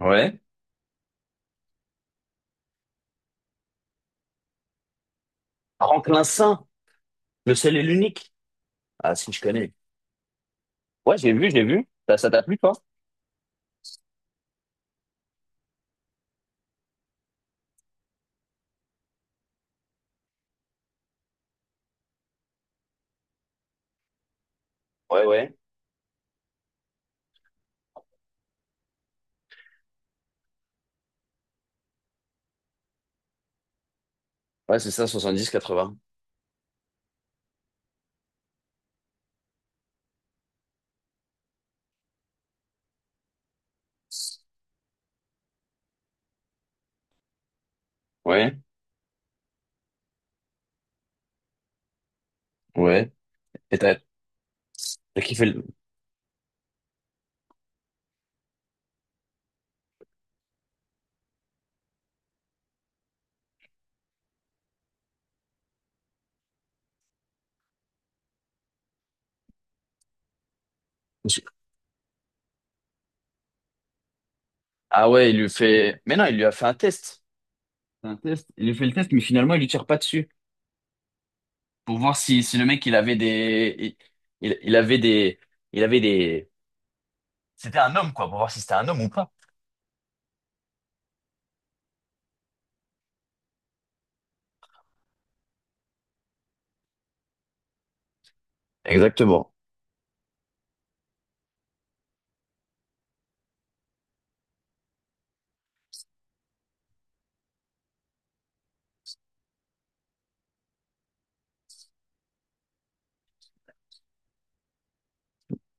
Ouais. Franklin Saint, le seul et l'unique. Ah, si, je connais. Ouais, j'ai vu, j'ai vu. Ça t'a plu, toi? Ouais, ouais. Ouais, c'est ça, 70-80. Ouais, ouais. Et t'as kiffé le… Ah ouais, il lui fait… Mais non, il lui a fait un test. Un test. Il lui fait le test, mais finalement, il lui tire pas dessus. Pour voir si, si le mec, il avait des… Il avait des… Il avait des… C'était un homme, quoi, pour voir si c'était un homme ou pas. Exactement.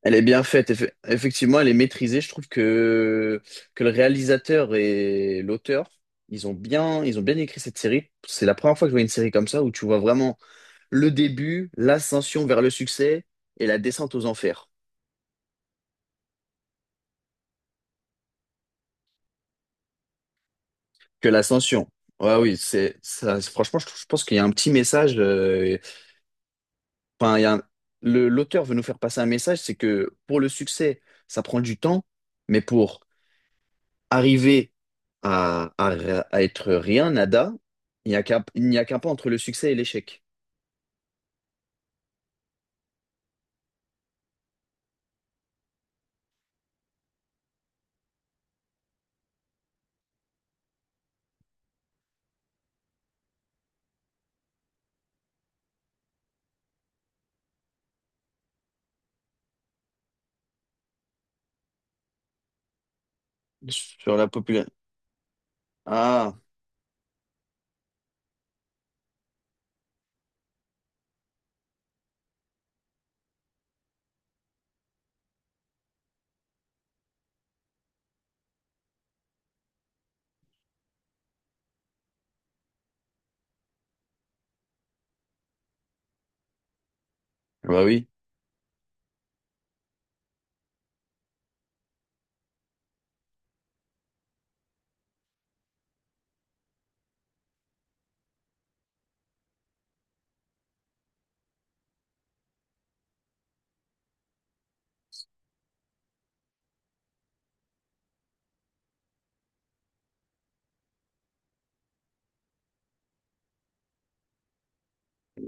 Elle est bien faite, effectivement, elle est maîtrisée. Que le réalisateur et l'auteur, ils ont bien écrit cette série. C'est la première fois que je vois une série comme ça où tu vois vraiment le début, l'ascension vers le succès et la descente aux enfers. Que l'ascension. Ouais, oui, c'est ça. Franchement, je pense qu'il y a un petit message. Enfin, il y a un- l'auteur veut nous faire passer un message, c'est que pour le succès, ça prend du temps, mais pour arriver à, à, à être rien, nada, il n'y a qu'un pas entre le succès et l'échec. Sur la populaire. Ah, bah oui.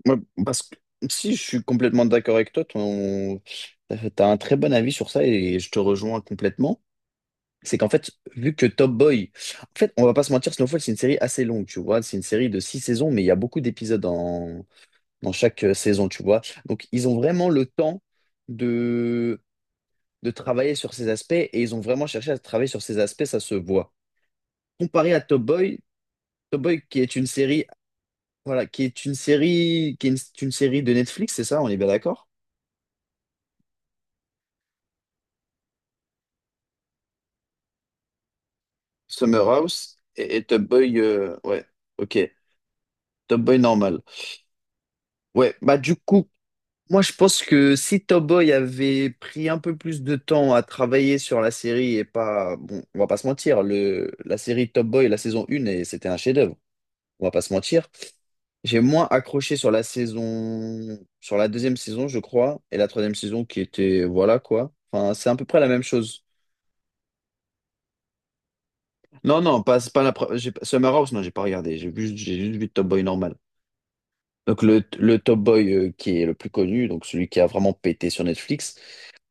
Moi, parce que si je suis complètement d'accord avec toi, ton… T'as un très bon avis sur ça et je te rejoins complètement. C'est qu'en fait, vu que Top Boy, en fait, on va pas se mentir, Snowfall, c'est une série assez longue, tu vois. C'est une série de six saisons, mais il y a beaucoup d'épisodes dans… dans chaque saison, tu vois. Donc, ils ont vraiment le temps de travailler sur ces aspects et ils ont vraiment cherché à travailler sur ces aspects, ça se voit. Comparé à Top Boy, qui est une série, voilà, qui est une série, qui est une série de Netflix, c'est ça, on est bien d'accord? Summer House et Top Boy, ouais, ok, Top Boy normal. Ouais, bah du coup, moi je pense que si Top Boy avait pris un peu plus de temps à travailler sur la série et pas, bon, on va pas se mentir, la série Top Boy, la saison 1, et c'était un chef-d'œuvre, on va pas se mentir. J'ai moins accroché sur la saison, sur la deuxième saison, je crois, et la troisième saison qui était, voilà quoi. Enfin, c'est à peu près la même chose. Non, non, pas, c'est pas la j'ai pas- Summer House, non, j'ai pas regardé. J'ai vu, j'ai juste vu Top Boy normal. Donc le Top Boy qui est le plus connu, donc celui qui a vraiment pété sur Netflix.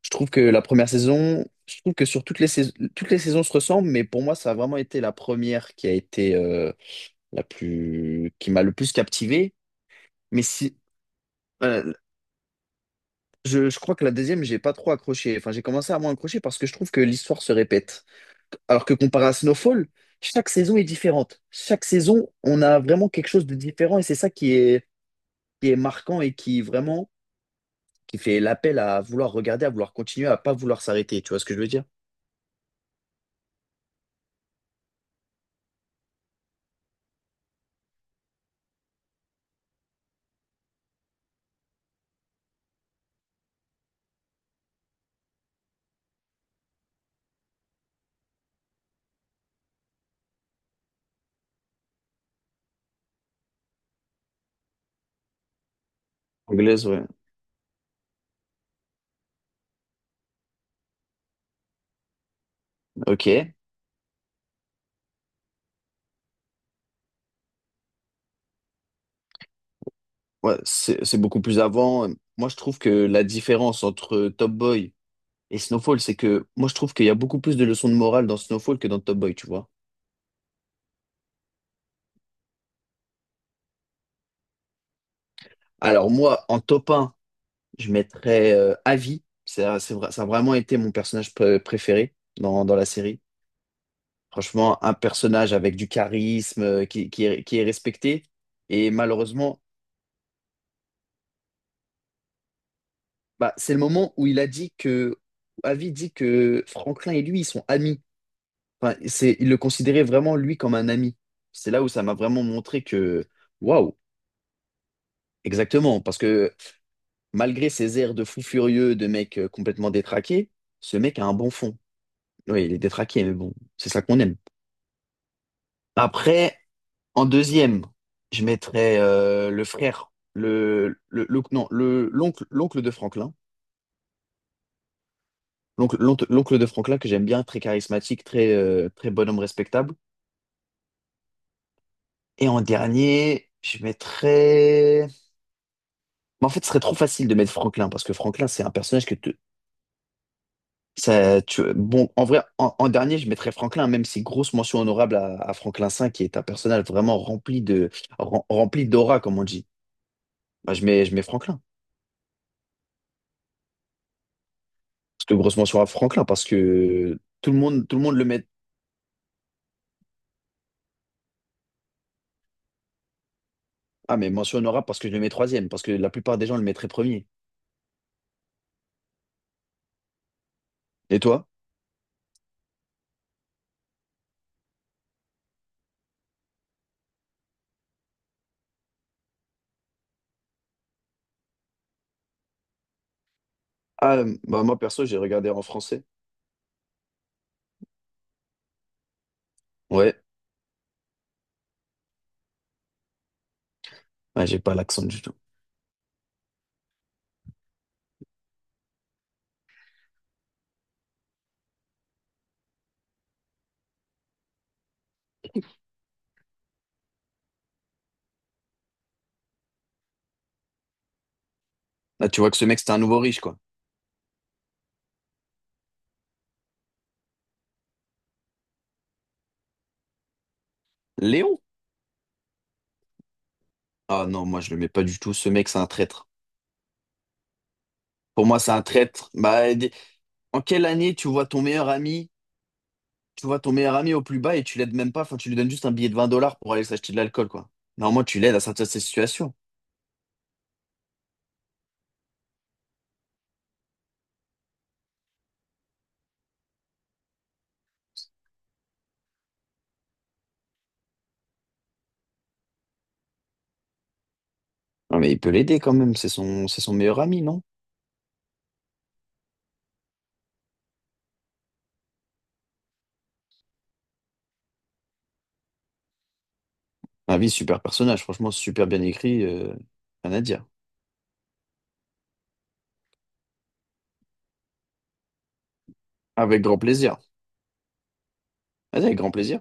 Je trouve que la première saison, je trouve que sur toutes les saisons se ressemblent, mais pour moi, ça a vraiment été la première qui a été la plus, qui m'a le plus captivé. Mais si, voilà, je crois que la deuxième, j'ai pas trop accroché. Enfin, j'ai commencé à moins accrocher parce que je trouve que l'histoire se répète. Alors que comparé à Snowfall, chaque saison est différente. Chaque saison, on a vraiment quelque chose de différent et c'est ça qui est marquant et qui vraiment qui fait l'appel à vouloir regarder, à vouloir continuer, à pas vouloir s'arrêter. Tu vois ce que je veux dire? Anglaise, ouais. Ok. Ouais, c'est beaucoup plus avant. Moi, je trouve que la différence entre Top Boy et Snowfall, c'est que moi, je trouve qu'il y a beaucoup plus de leçons de morale dans Snowfall que dans Top Boy, tu vois. Alors moi, en top, je mettrais Avi. Ça a vraiment été mon personnage préféré dans, dans la série. Franchement, un personnage avec du charisme, qui est respecté. Et malheureusement, bah, c'est le moment où il a dit que… où Avi dit que Franklin et lui, ils sont amis. Enfin, c'est, il le considérait vraiment, lui, comme un ami. C'est là où ça m'a vraiment montré que… Waouh! Exactement. Parce que malgré ses airs de fou furieux, de mec complètement détraqué, ce mec a un bon fond. Oui, il est détraqué, mais bon, c'est ça qu'on aime. Après, en deuxième, je mettrais le frère, le- non, le, l'oncle, l'oncle de Franklin. L'oncle de Franklin que j'aime bien, très charismatique, très, très bonhomme respectable. Et en dernier, je mettrais… Mais en fait, ce serait trop facile de mettre Franklin, parce que Franklin, c'est un personnage que tu… Ça, tu… Bon, en vrai, en dernier, je mettrais Franklin, même si grosse mention honorable à Franklin V, qui est un personnage vraiment rempli de, rempli d'aura, comme on dit. Bah, je mets Franklin. C'est une grosse mention à Franklin parce que tout le monde le met. Ah, mais mention honorable parce que je le mets troisième, parce que la plupart des gens le mettraient premier. Et toi? Ah, bah moi perso, j'ai regardé en français. Ouais, ah, j'ai pas l'accent du tout. Là, tu vois que ce mec, c'est un nouveau riche, quoi. Léon? Ah non, moi, je le mets pas du tout. Ce mec, c'est un traître. Pour moi, c'est un traître. En quelle année tu vois ton meilleur ami, tu vois ton meilleur ami au plus bas et tu l'aides même pas, enfin, tu lui donnes juste un billet de 20 dollars pour aller s'acheter de l'alcool, quoi. Normalement, tu l'aides à sortir de cette situation. Non, mais il peut l'aider quand même, c'est son meilleur ami, non? Ah oui, super personnage, franchement, super bien écrit, rien à dire. Avec grand plaisir. Vas-y, avec grand plaisir.